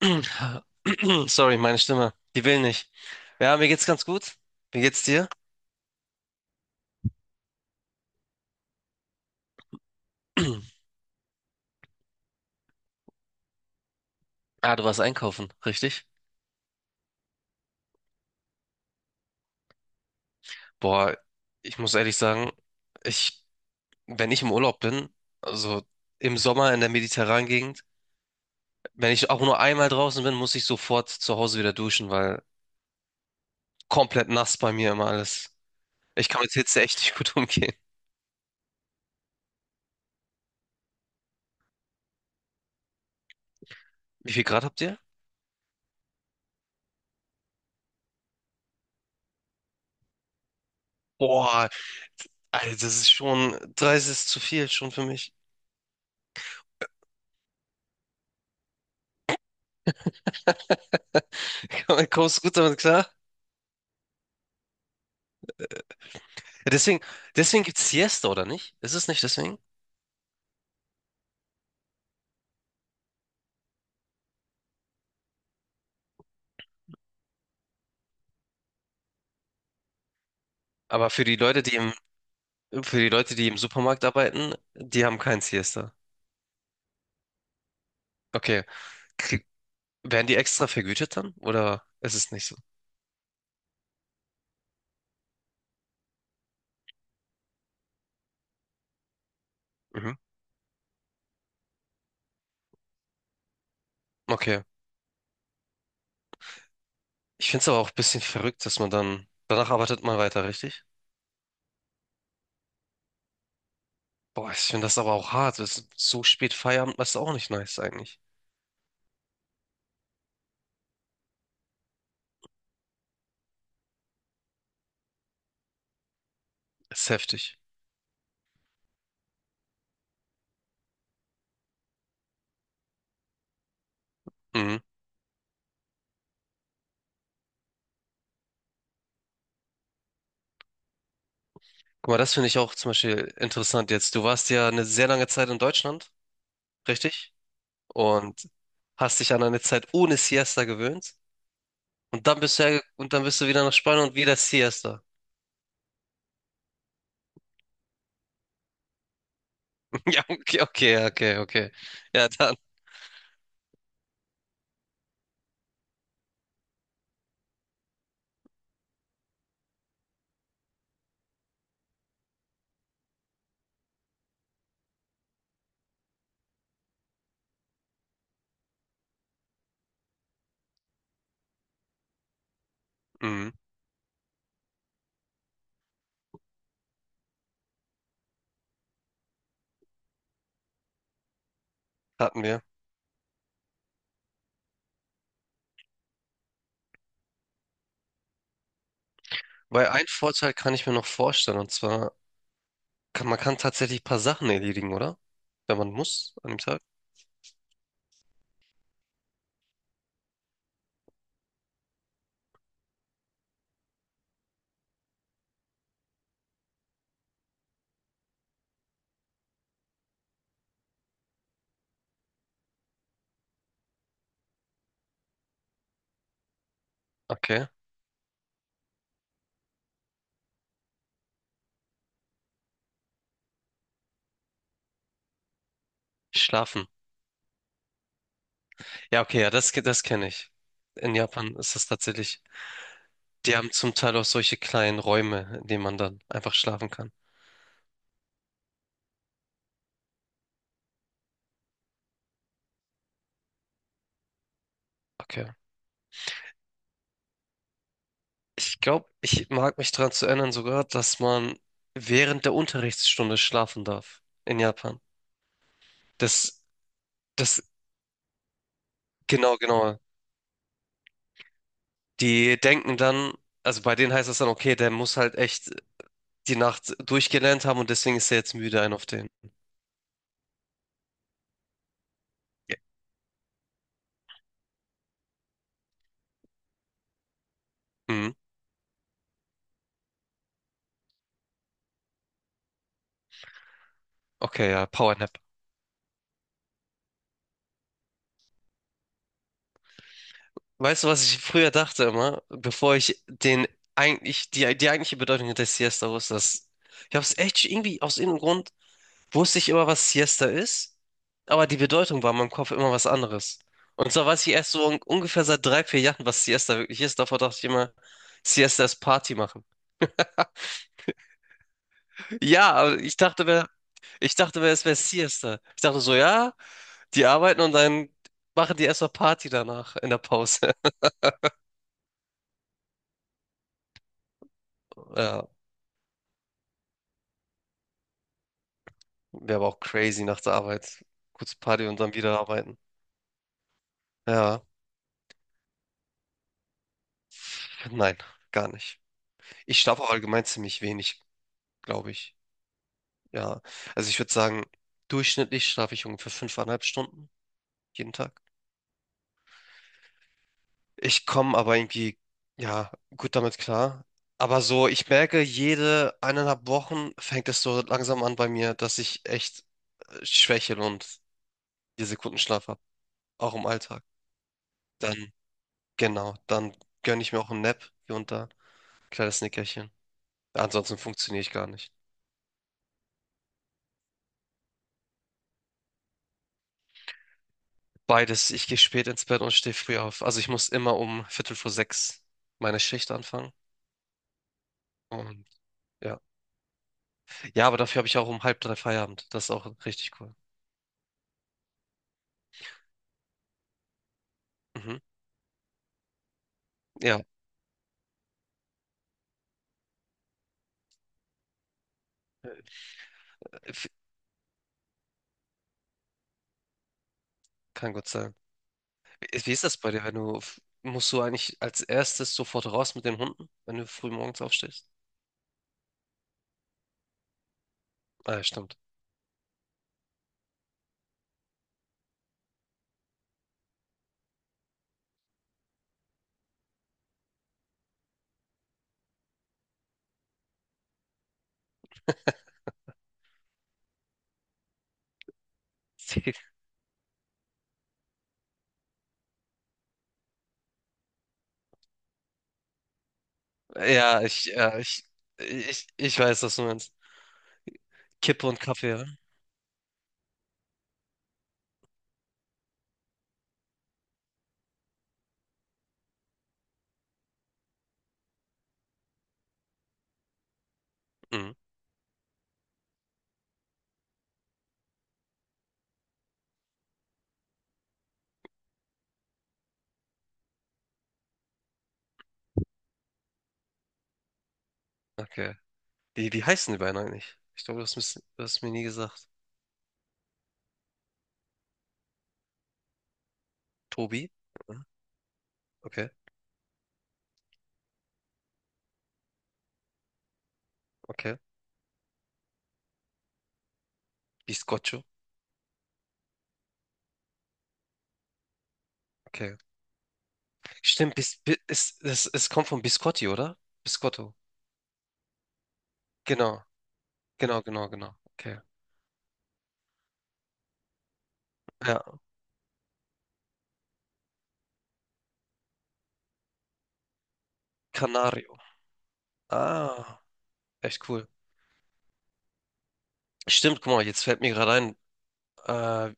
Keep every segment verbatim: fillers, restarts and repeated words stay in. Sorry, meine Stimme. Die will nicht. Ja, mir geht's ganz gut. Wie geht's dir? Ah, du warst einkaufen, richtig? Boah, ich muss ehrlich sagen, ich, wenn ich im Urlaub bin, also im Sommer in der mediterranen Gegend, wenn ich auch nur einmal draußen bin, muss ich sofort zu Hause wieder duschen, weil komplett nass bei mir immer alles. Ich kann mit Hitze echt nicht gut umgehen. Wie viel Grad habt ihr? Boah, Alter, das ist schon, dreißig ist zu viel schon für mich. Kommst du gut damit klar? Ja, deswegen, deswegen gibt's Siesta, oder nicht? Ist es nicht deswegen? Aber für die Leute, die im, für die Leute, die im Supermarkt arbeiten, die haben kein Siesta. Okay. Krieg, werden die extra vergütet dann? Oder ist es nicht so? Mhm. Okay. Ich finde es aber auch ein bisschen verrückt, dass man dann, danach arbeitet man weiter, richtig? Boah, ich finde das aber auch hart. Das ist so spät Feierabend, das ist auch nicht nice eigentlich. Das ist heftig. Mhm. Guck mal, das finde ich auch zum Beispiel interessant jetzt. Du warst ja eine sehr lange Zeit in Deutschland, richtig? Und hast dich an eine Zeit ohne Siesta gewöhnt. Und dann bist du herge- und dann bist du wieder nach Spanien und wieder Siesta. Ja, okay, okay, ja, okay, okay. Ja, dann mhm, hatten wir. Weil ein Vorteil kann ich mir noch vorstellen, und zwar kann man kann tatsächlich ein paar Sachen erledigen, oder? Wenn man muss an dem Tag. Okay. Schlafen. Ja, okay, ja, das, ke- das kenne ich. In Japan ist das tatsächlich. Die haben zum Teil auch solche kleinen Räume, in denen man dann einfach schlafen kann. Okay. Ich glaube, ich mag mich daran zu erinnern sogar, dass man während der Unterrichtsstunde schlafen darf in Japan. Das, das, genau, genau. Die denken dann, also bei denen heißt das dann, okay, der muss halt echt die Nacht durchgelernt haben und deswegen ist er jetzt müde, ein auf den. Ja. Mhm. Okay, ja, Powernap. Weißt du, was ich früher dachte immer, bevor ich den eigentlich, die, die eigentliche Bedeutung der Siesta wusste, dass ich habe es echt irgendwie aus irgendeinem Grund wusste ich immer, was Siesta ist, aber die Bedeutung war in meinem Kopf immer was anderes. Und zwar weiß ich erst so un ungefähr seit drei, vier Jahren, was Siesta wirklich ist. Davor dachte ich immer, Siesta ist Party machen. Ja, aber ich dachte mir, ich dachte mir, es wäre Siesta. Ich dachte so, ja, die arbeiten und dann machen die erstmal Party danach in der Pause. Ja, wäre aber auch crazy nach der Arbeit. Kurz Party und dann wieder arbeiten. Ja, nein, gar nicht. Ich schlafe auch allgemein ziemlich wenig, glaube ich. Ja, also ich würde sagen, durchschnittlich schlafe ich ungefähr fünfeinhalb Stunden jeden Tag. Ich komme aber irgendwie, ja, gut damit klar. Aber so, ich merke, jede eineinhalb Wochen fängt es so langsam an bei mir, dass ich echt äh, schwächel und vier Sekunden Schlaf habe, auch im Alltag. Dann, genau, dann gönne ich mir auch einen Nap hier und da, kleines Nickerchen. Ansonsten funktioniere ich gar nicht. Beides, ich gehe spät ins Bett und stehe früh auf. Also ich muss immer um Viertel vor sechs meine Schicht anfangen. Und ja. Ja, aber dafür habe ich auch um halb drei Feierabend. Das ist auch richtig cool. Mhm. Ja, f- kann gut sein. Wie ist das bei dir, wenn du, f- musst du eigentlich als erstes sofort raus mit den Hunden, wenn du früh morgens aufstehst? Ah, ja, stimmt. Ja, ich, ja, ich, ich, ich weiß, was du meinst. Kippe und Kaffee, ja? Mhm. Okay. Wie, wie heißen die beiden eigentlich? Ich glaube, du hast mir's- du hast mir nie gesagt. Tobi? Mhm. Okay, okay. Biscotto? Okay. Stimmt, bis, bis, es, es, es kommt von Biscotti, oder? Biscotto. Genau. Genau, genau, genau. Okay. Ja, Canario. Ah, echt cool. Stimmt, guck mal, jetzt fällt mir gerade ein, äh,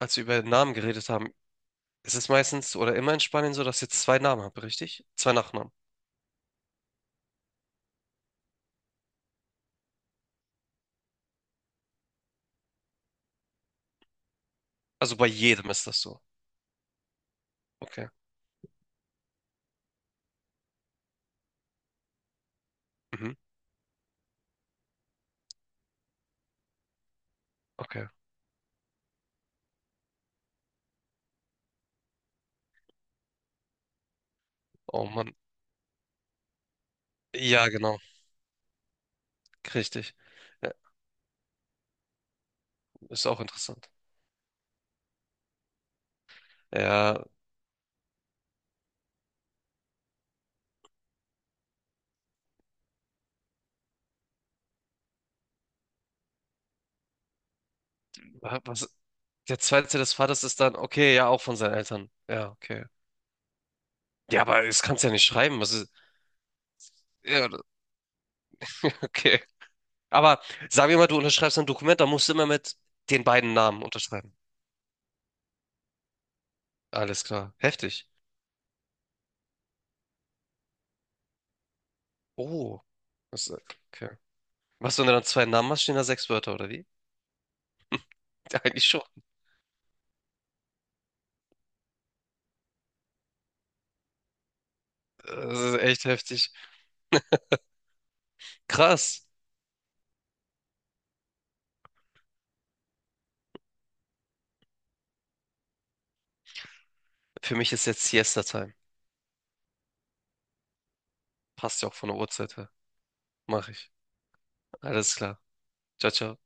als wir über Namen geredet haben, es ist meistens oder immer in Spanien so, dass ihr zwei Namen habt, richtig? Zwei Nachnamen. Also bei jedem ist das so. Okay. Mhm. Okay. Oh Mann. Ja, genau. Richtig. Ja, ist auch interessant. Ja, wa- was, der zweite des Vaters ist dann, okay, ja, auch von seinen Eltern. Ja, okay. Ja, aber es kannst ja nicht schreiben. Was ist, ja, okay. Aber sagen wir mal, du unterschreibst ein Dokument, da musst du immer mit den beiden Namen unterschreiben. Alles klar. Heftig. Oh. Das, okay. Was, wenn du dann zwei Namen hast, stehen da sechs Wörter, oder wie? Eigentlich schon. Das ist echt heftig. Krass. Für mich ist jetzt Siesta-Time. Passt ja auch von der Uhrzeit her. Mach ich. Alles klar. Ciao, ciao.